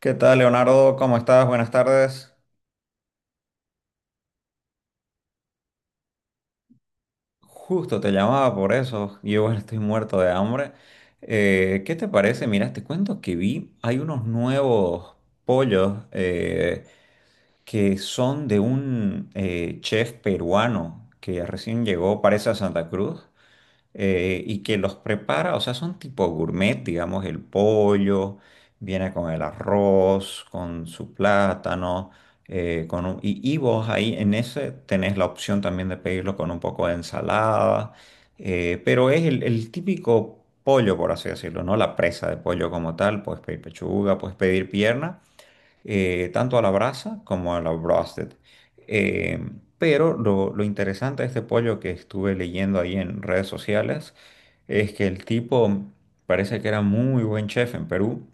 ¿Qué tal, Leonardo? ¿Cómo estás? Buenas tardes. Justo te llamaba por eso. Yo igual estoy muerto de hambre. ¿Qué te parece? Mira, te cuento que vi, hay unos nuevos pollos que son de un chef peruano que recién llegó, parece, a Santa Cruz. Y que los prepara, o sea, son tipo gourmet, digamos. El pollo viene con el arroz, con su plátano, y vos ahí en ese tenés la opción también de pedirlo con un poco de ensalada. Pero es el típico pollo, por así decirlo, ¿no? La presa de pollo como tal, puedes pedir pechuga, puedes pedir pierna, tanto a la brasa como a la broasted. Eh, pero lo interesante de este pollo, que estuve leyendo ahí en redes sociales, es que el tipo parece que era muy buen chef en Perú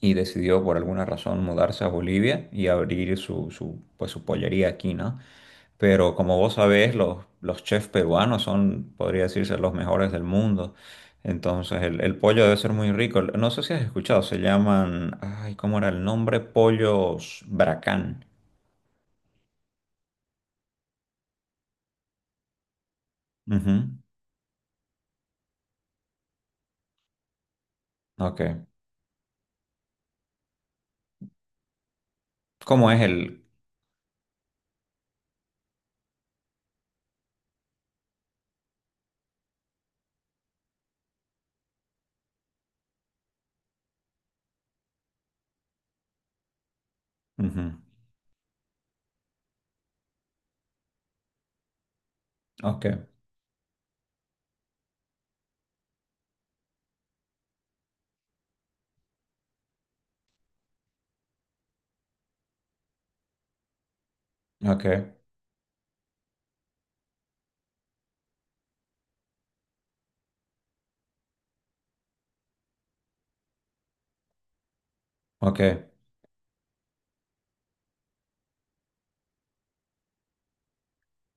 y decidió por alguna razón mudarse a Bolivia y abrir su, su, pues, su pollería aquí, ¿no? Pero como vos sabés, los chefs peruanos son, podría decirse, los mejores del mundo. Entonces, el pollo debe ser muy rico. No sé si has escuchado, se llaman, ay, ¿cómo era el nombre? Pollos Bracán. Ujú. Ok. ¿Cómo es el...? Ujú. Ok, ok, ok.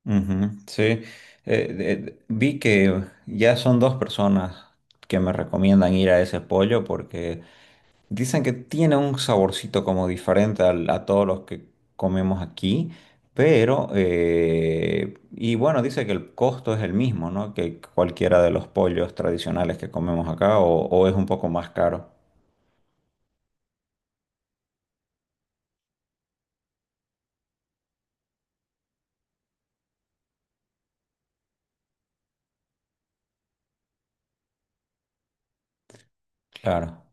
Ujú. Sí. Eh, de- Vi que ya son dos personas que me recomiendan ir a ese pollo porque... Dicen que tiene un saborcito como diferente a todos los que comemos aquí, pero, y bueno, dice que el costo es el mismo, ¿no? Que cualquiera de los pollos tradicionales que comemos acá, o es un poco más caro. Claro.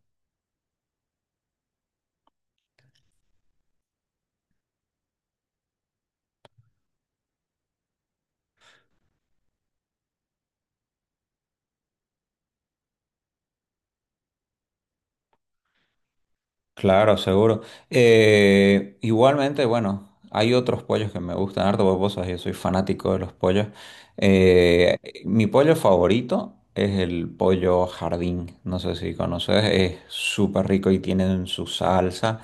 Claro, seguro. Igualmente, bueno, hay otros pollos que me gustan harto, porque vos sabés, yo soy fanático de los pollos. Eh, Mi pollo favorito es el pollo jardín, no sé si conoces, es súper rico y tienen su salsa,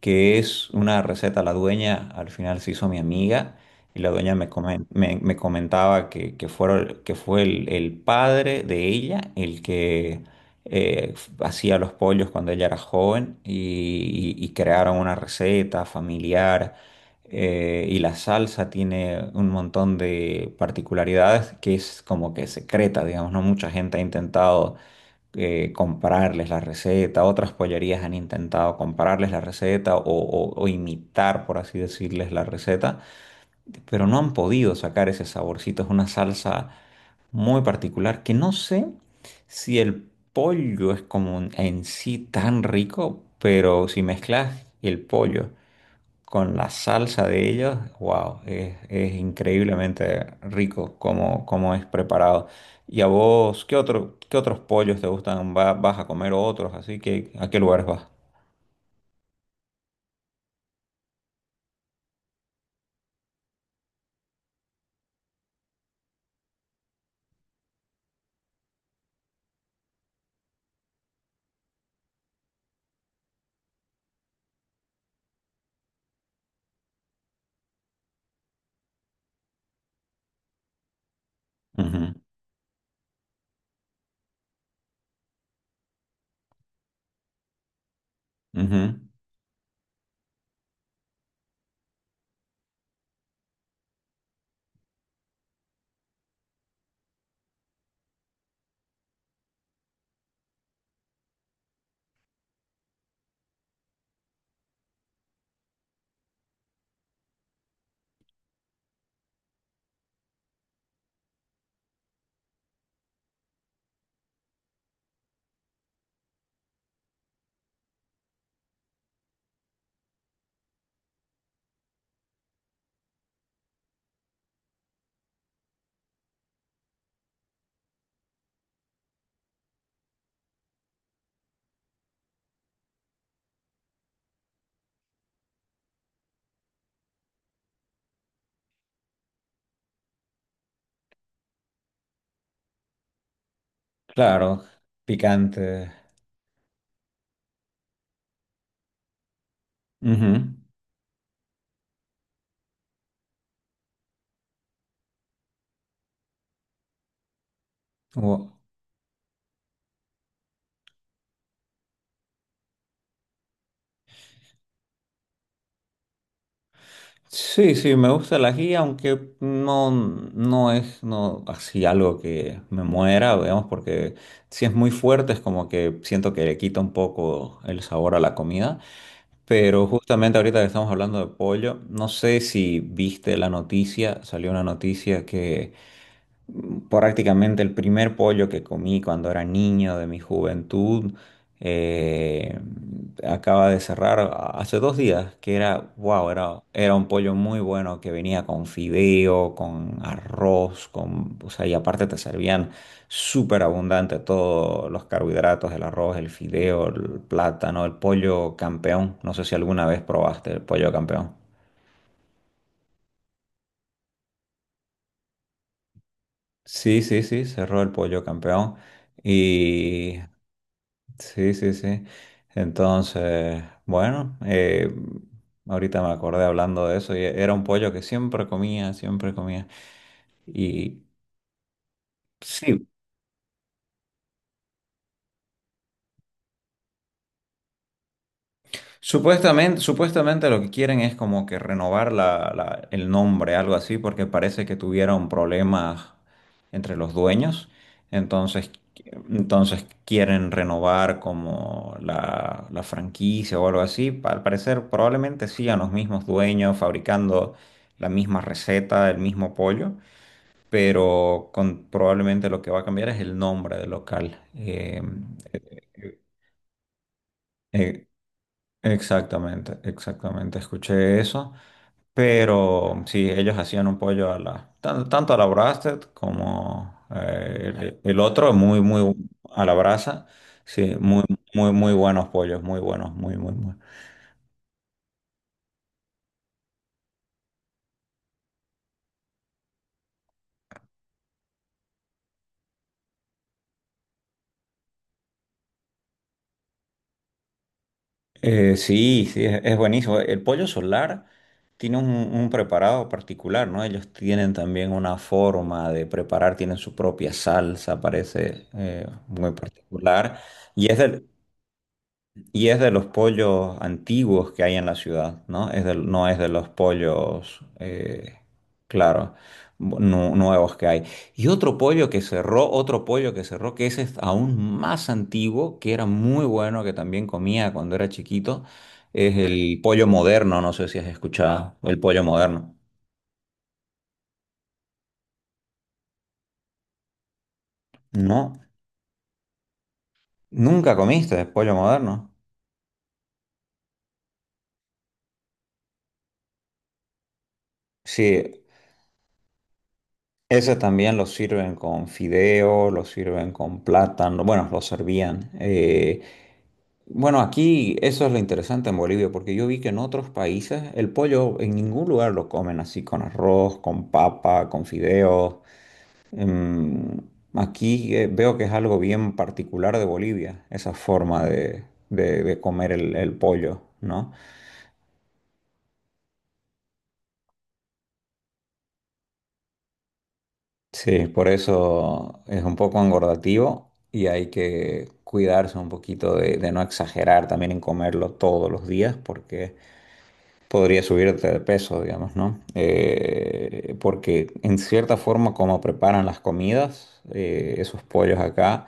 que es una receta. La dueña al final se hizo mi amiga y la dueña me comentaba que, que fue el padre de ella el que eh, hacía los pollos cuando ella era joven y crearon una receta familiar. Y la salsa tiene un montón de particularidades, que es como que secreta, digamos. No mucha gente ha intentado, comprarles la receta. Otras pollerías han intentado comprarles la receta o imitar, por así decirles, la receta, pero no han podido sacar ese saborcito. Es una salsa muy particular que no sé si el pollo es como en sí tan rico, pero si mezclas el pollo con la salsa de ellos, wow, es increíblemente rico como, como es preparado. ¿Y a vos qué otro, qué otros pollos te gustan? ¿Vas a comer otros? Así que, ¿a qué lugares vas? Ujú, ujú. Claro, picante. Ujú. Sí, sí, me gusta la guía, aunque no, no es no, así algo que me muera, digamos, porque si es muy fuerte es como que siento que le quita un poco el sabor a la comida. Pero justamente ahorita que estamos hablando de pollo, no sé si viste la noticia, salió una noticia que prácticamente el primer pollo que comí cuando era niño de mi juventud. eh, Acaba de cerrar hace dos días, que era, wow, era, era un pollo muy bueno que venía con fideo, con arroz, con, o sea, y aparte te servían súper abundante todos los carbohidratos, el arroz, el fideo, el plátano, el pollo campeón. No sé si alguna vez probaste el pollo campeón. Sí, sí, sí, cerró el pollo campeón. Y sí, sí, sí. Entonces, bueno, ahorita me acordé hablando de eso y era un pollo que siempre comía, siempre comía. Y sí, supuestamente, supuestamente lo que quieren es como que renovar la, el nombre, algo así, porque parece que tuvieron problemas entre los dueños. Entonces, entonces quieren renovar como la franquicia o algo así. Al parecer, probablemente sigan los mismos dueños fabricando la misma receta, el mismo pollo, pero con, probablemente lo que va a cambiar es el nombre del local. Eh, Exactamente, exactamente, escuché eso. Pero sí, ellos hacían un pollo a la, tanto a la brasted como el otro, muy, muy a la brasa. Sí, muy, muy, muy buenos pollos, muy buenos, muy, muy, muy. Sí, sí, es buenísimo. El pollo solar tiene un preparado particular, ¿no? Ellos tienen también una forma de preparar, tienen su propia salsa, parece, muy particular. Y es del, Y es de los pollos antiguos que hay en la ciudad, ¿no? No es de los pollos, claro, nuevos que hay. Y otro pollo que cerró, otro pollo que cerró, que ese es aún más antiguo, que era muy bueno, que también comía cuando era chiquito, es el pollo moderno, no sé si has escuchado, el pollo moderno. No, nunca comiste pollo moderno. Sí, ese también lo sirven con fideo, lo sirven con plátano, bueno, lo servían. Bueno, aquí eso es lo interesante en Bolivia, porque yo vi que en otros países el pollo en ningún lugar lo comen así con arroz, con papa, con fideos. Em, Aquí veo que es algo bien particular de Bolivia, esa forma de, de comer el pollo, ¿no? Sí, por eso es un poco engordativo y hay que cuidarse un poquito de no exagerar también en comerlo todos los días, porque podría subirte de peso, digamos, ¿no? Porque en cierta forma como preparan las comidas, esos pollos acá,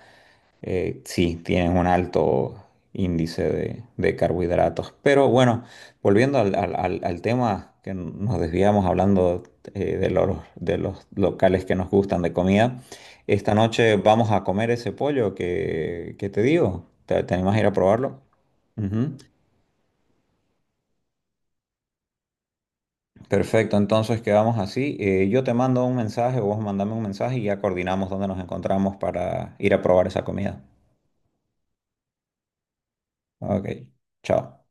sí, tienen un alto índice de carbohidratos. Pero bueno, volviendo al tema, que nos desviamos hablando de los locales que nos gustan de comida, esta noche vamos a comer ese pollo que te digo. ¿Te, te animas a ir a probarlo? Ujú. Perfecto, entonces quedamos así. Yo te mando un mensaje, vos mandame un mensaje y ya coordinamos dónde nos encontramos para ir a probar esa comida. Ok, chao.